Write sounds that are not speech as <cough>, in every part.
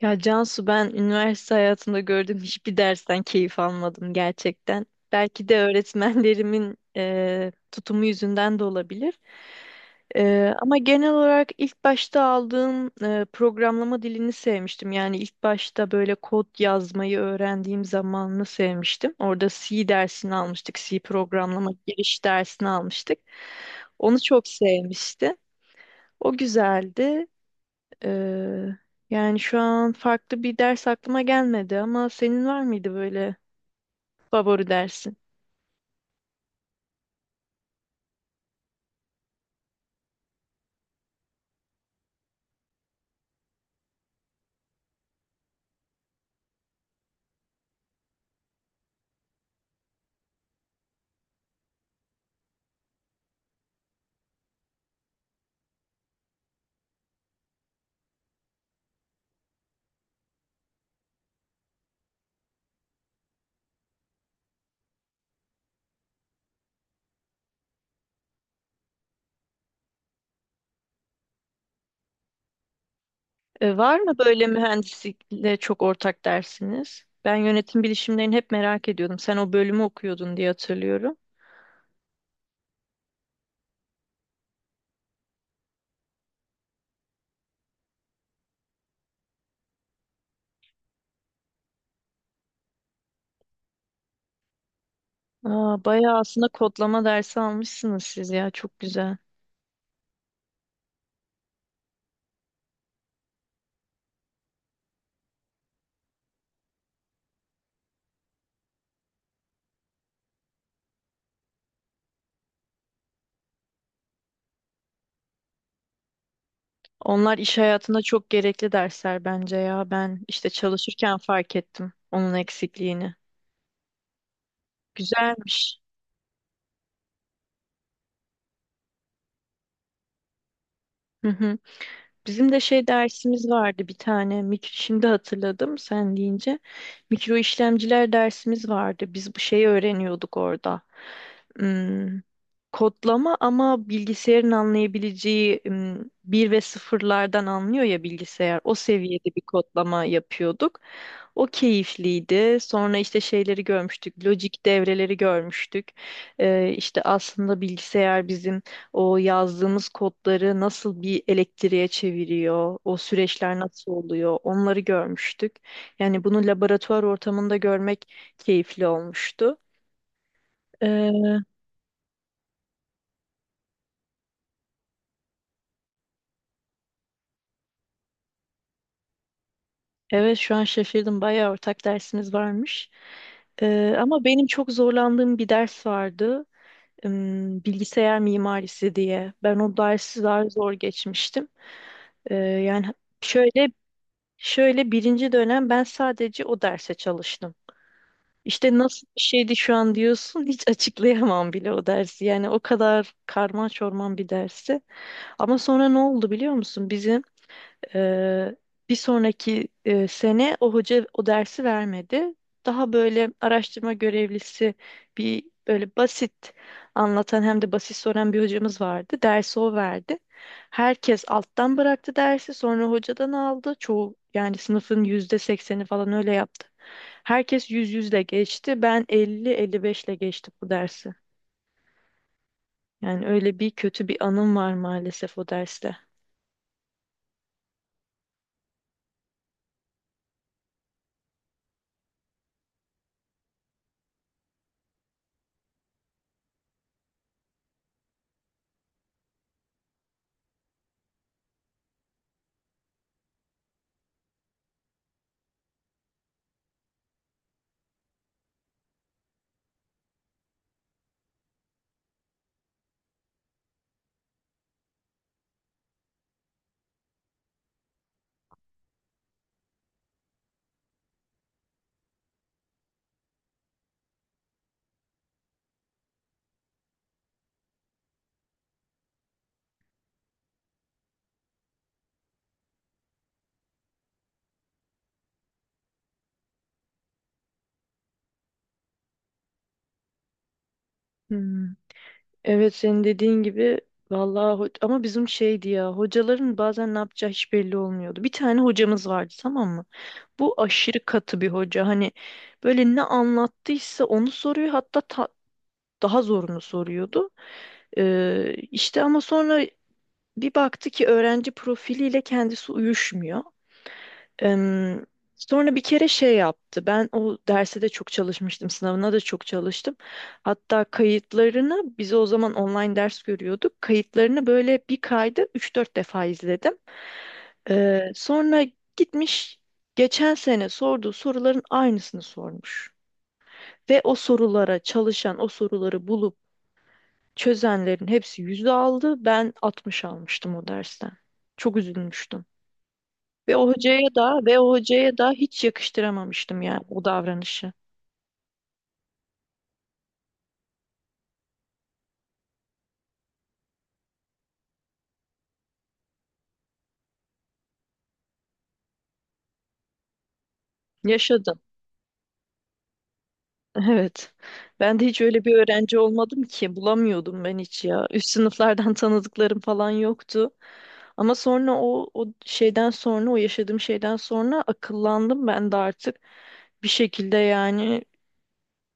Ya Cansu ben üniversite hayatımda gördüğüm hiçbir dersten keyif almadım gerçekten. Belki de öğretmenlerimin tutumu yüzünden de olabilir. Ama genel olarak ilk başta aldığım programlama dilini sevmiştim. Yani ilk başta böyle kod yazmayı öğrendiğim zamanını sevmiştim. Orada C dersini almıştık, C programlama giriş dersini almıştık. Onu çok sevmiştim. O güzeldi. Ee, yani şu an farklı bir ders aklıma gelmedi ama senin var mıydı böyle favori dersin? Var mı böyle mühendislikle çok ortak dersiniz? Ben yönetim bilişimlerini hep merak ediyordum. Sen o bölümü okuyordun diye hatırlıyorum. Aa, bayağı aslında kodlama dersi almışsınız siz ya çok güzel. Onlar iş hayatında çok gerekli dersler bence ya. Ben işte çalışırken fark ettim onun eksikliğini. Güzelmiş. Hı hı. Bizim de şey dersimiz vardı bir tane. Şimdi hatırladım sen deyince. Mikro işlemciler dersimiz vardı. Biz bu şeyi öğreniyorduk orada ım, kodlama ama bilgisayarın anlayabileceği bir ve sıfırlardan anlıyor ya bilgisayar. O seviyede bir kodlama yapıyorduk. O keyifliydi. Sonra işte şeyleri görmüştük. Lojik devreleri görmüştük. İşte aslında bilgisayar bizim o yazdığımız kodları nasıl bir elektriğe çeviriyor, o süreçler nasıl oluyor, onları görmüştük. Yani bunu laboratuvar ortamında görmek keyifli olmuştu. Ee, Evet, şu an şaşırdım. Bayağı ortak dersiniz varmış. Ama benim çok zorlandığım bir ders vardı. Bilgisayar mimarisi diye. Ben o dersi daha zor geçmiştim. Yani şöyle şöyle birinci dönem ben sadece o derse çalıştım. İşte nasıl bir şeydi şu an diyorsun hiç <laughs> açıklayamam bile o dersi. Yani o kadar karman çorman bir dersi. Ama sonra ne oldu biliyor musun? Bizim ee, bir sonraki sene o hoca o dersi vermedi. Daha böyle araştırma görevlisi bir böyle basit anlatan hem de basit soran bir hocamız vardı. Dersi o verdi. Herkes alttan bıraktı dersi sonra hocadan aldı. Çoğu yani sınıfın %80'i falan öyle yaptı. Herkes 100, 100'le geçti. Ben 50, 55'le geçtim bu dersi. Yani öyle bir kötü bir anım var maalesef o derste. Hmm. Evet, senin dediğin gibi vallahi ama bizim şeydi ya, hocaların bazen ne yapacağı hiç belli olmuyordu. Bir tane hocamız vardı, tamam mı? Bu aşırı katı bir hoca. Hani böyle ne anlattıysa onu soruyor, hatta daha zorunu soruyordu. İşte ama sonra bir baktı ki öğrenci profiliyle kendisi uyuşmuyor. Em, Sonra bir kere şey yaptı. Ben o derse de çok çalışmıştım, sınavına da çok çalıştım. Hatta kayıtlarını, biz o zaman online ders görüyorduk. Kayıtlarını böyle bir kayda üç dört defa izledim. Sonra gitmiş, geçen sene sorduğu soruların aynısını sormuş. Ve o sorulara çalışan, o soruları bulup çözenlerin hepsi yüzde aldı. Ben 60 almıştım o dersten. Çok üzülmüştüm. Ve o hocaya da hiç yakıştıramamıştım yani o davranışı. Yaşadım. Evet. Ben de hiç öyle bir öğrenci olmadım ki, bulamıyordum ben hiç ya. Üst sınıflardan <laughs> tanıdıklarım falan yoktu. Ama sonra o şeyden sonra, o yaşadığım şeyden sonra akıllandım ben de artık, bir şekilde yani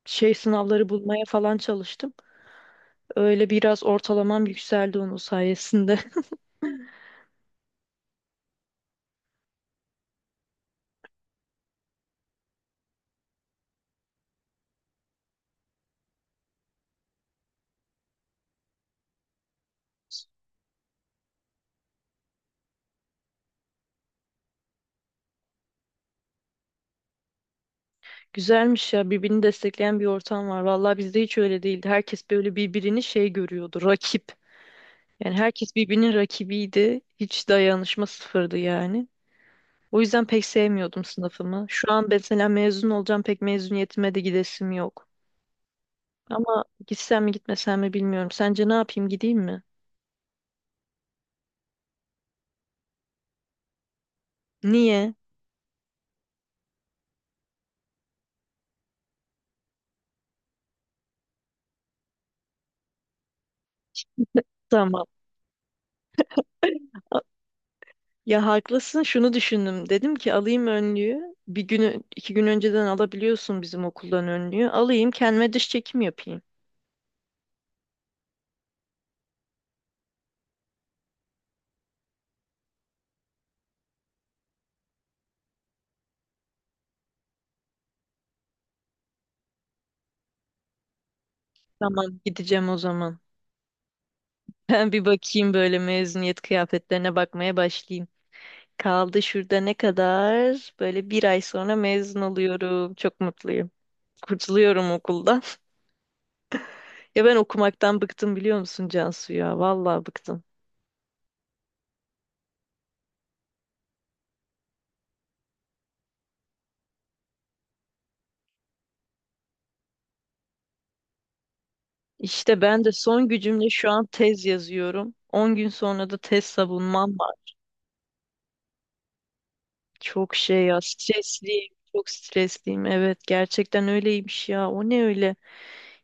şey sınavları bulmaya falan çalıştım. Öyle biraz ortalamam yükseldi onun sayesinde. Güzelmiş ya, birbirini destekleyen bir ortam var. Vallahi bizde hiç öyle değildi. Herkes böyle birbirini şey görüyordu, rakip. Yani herkes birbirinin rakibiydi. Hiç dayanışma sıfırdı yani. O yüzden pek sevmiyordum sınıfımı. Şu an mesela mezun olacağım, pek mezuniyetime de gidesim yok. Ama gitsem mi gitmesem mi bilmiyorum. Sence ne yapayım, gideyim mi? Niye? Tamam. Ya haklısın, şunu düşündüm. Dedim ki alayım önlüğü. Bir günü 2 gün önceden alabiliyorsun bizim okuldan önlüğü. Alayım, kendime dış çekim yapayım. Tamam, gideceğim o zaman. <laughs> Ben bir bakayım böyle, mezuniyet kıyafetlerine bakmaya başlayayım. Kaldı şurada ne kadar? Böyle bir ay sonra mezun oluyorum. Çok mutluyum. Kurtuluyorum okuldan. <laughs> Ya ben okumaktan bıktım, biliyor musun Cansu ya? Vallahi bıktım. İşte ben de son gücümle şu an tez yazıyorum. 10 gün sonra da tez savunmam var. Çok şey ya, stresliyim. Çok stresliyim. Evet, gerçekten öyleymiş ya. O ne öyle?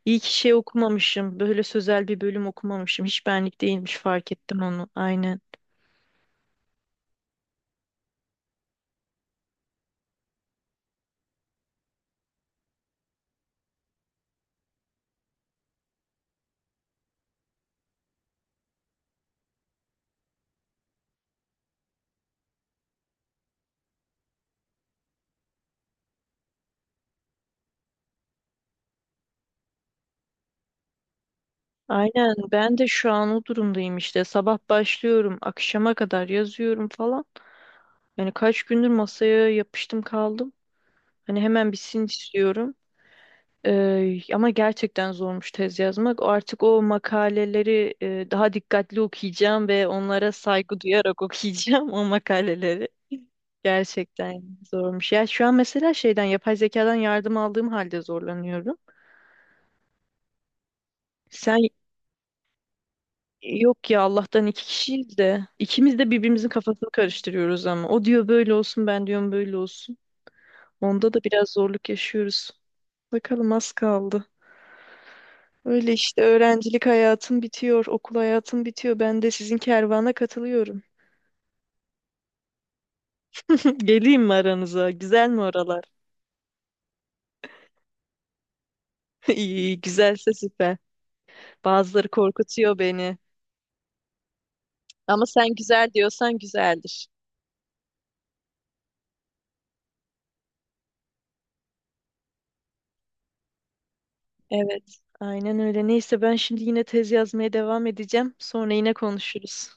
İyi ki şey okumamışım. Böyle sözel bir bölüm okumamışım. Hiç benlik değilmiş, fark ettim onu. Aynen. Aynen, ben de şu an o durumdayım işte. Sabah başlıyorum, akşama kadar yazıyorum falan. Yani kaç gündür masaya yapıştım kaldım. Hani hemen bitsin istiyorum. Ama gerçekten zormuş tez yazmak. Artık o makaleleri daha dikkatli okuyacağım ve onlara saygı duyarak <laughs> okuyacağım o makaleleri. Gerçekten zormuş. Ya şu an mesela şeyden, yapay zekadan yardım aldığım halde zorlanıyorum. Sen yok ya, Allah'tan iki kişiyiz de ikimiz de birbirimizin kafasını karıştırıyoruz ama. O diyor böyle olsun, ben diyorum böyle olsun. Onda da biraz zorluk yaşıyoruz. Bakalım, az kaldı. Öyle işte, öğrencilik hayatım bitiyor, okul hayatım bitiyor. Ben de sizin kervana katılıyorum. <laughs> Geleyim mi aranıza? Güzel mi oralar? <laughs> İyi, iyi, güzelse süper. Bazıları korkutuyor beni. Ama sen güzel diyorsan güzeldir. Evet, aynen öyle. Neyse, ben şimdi yine tez yazmaya devam edeceğim. Sonra yine konuşuruz.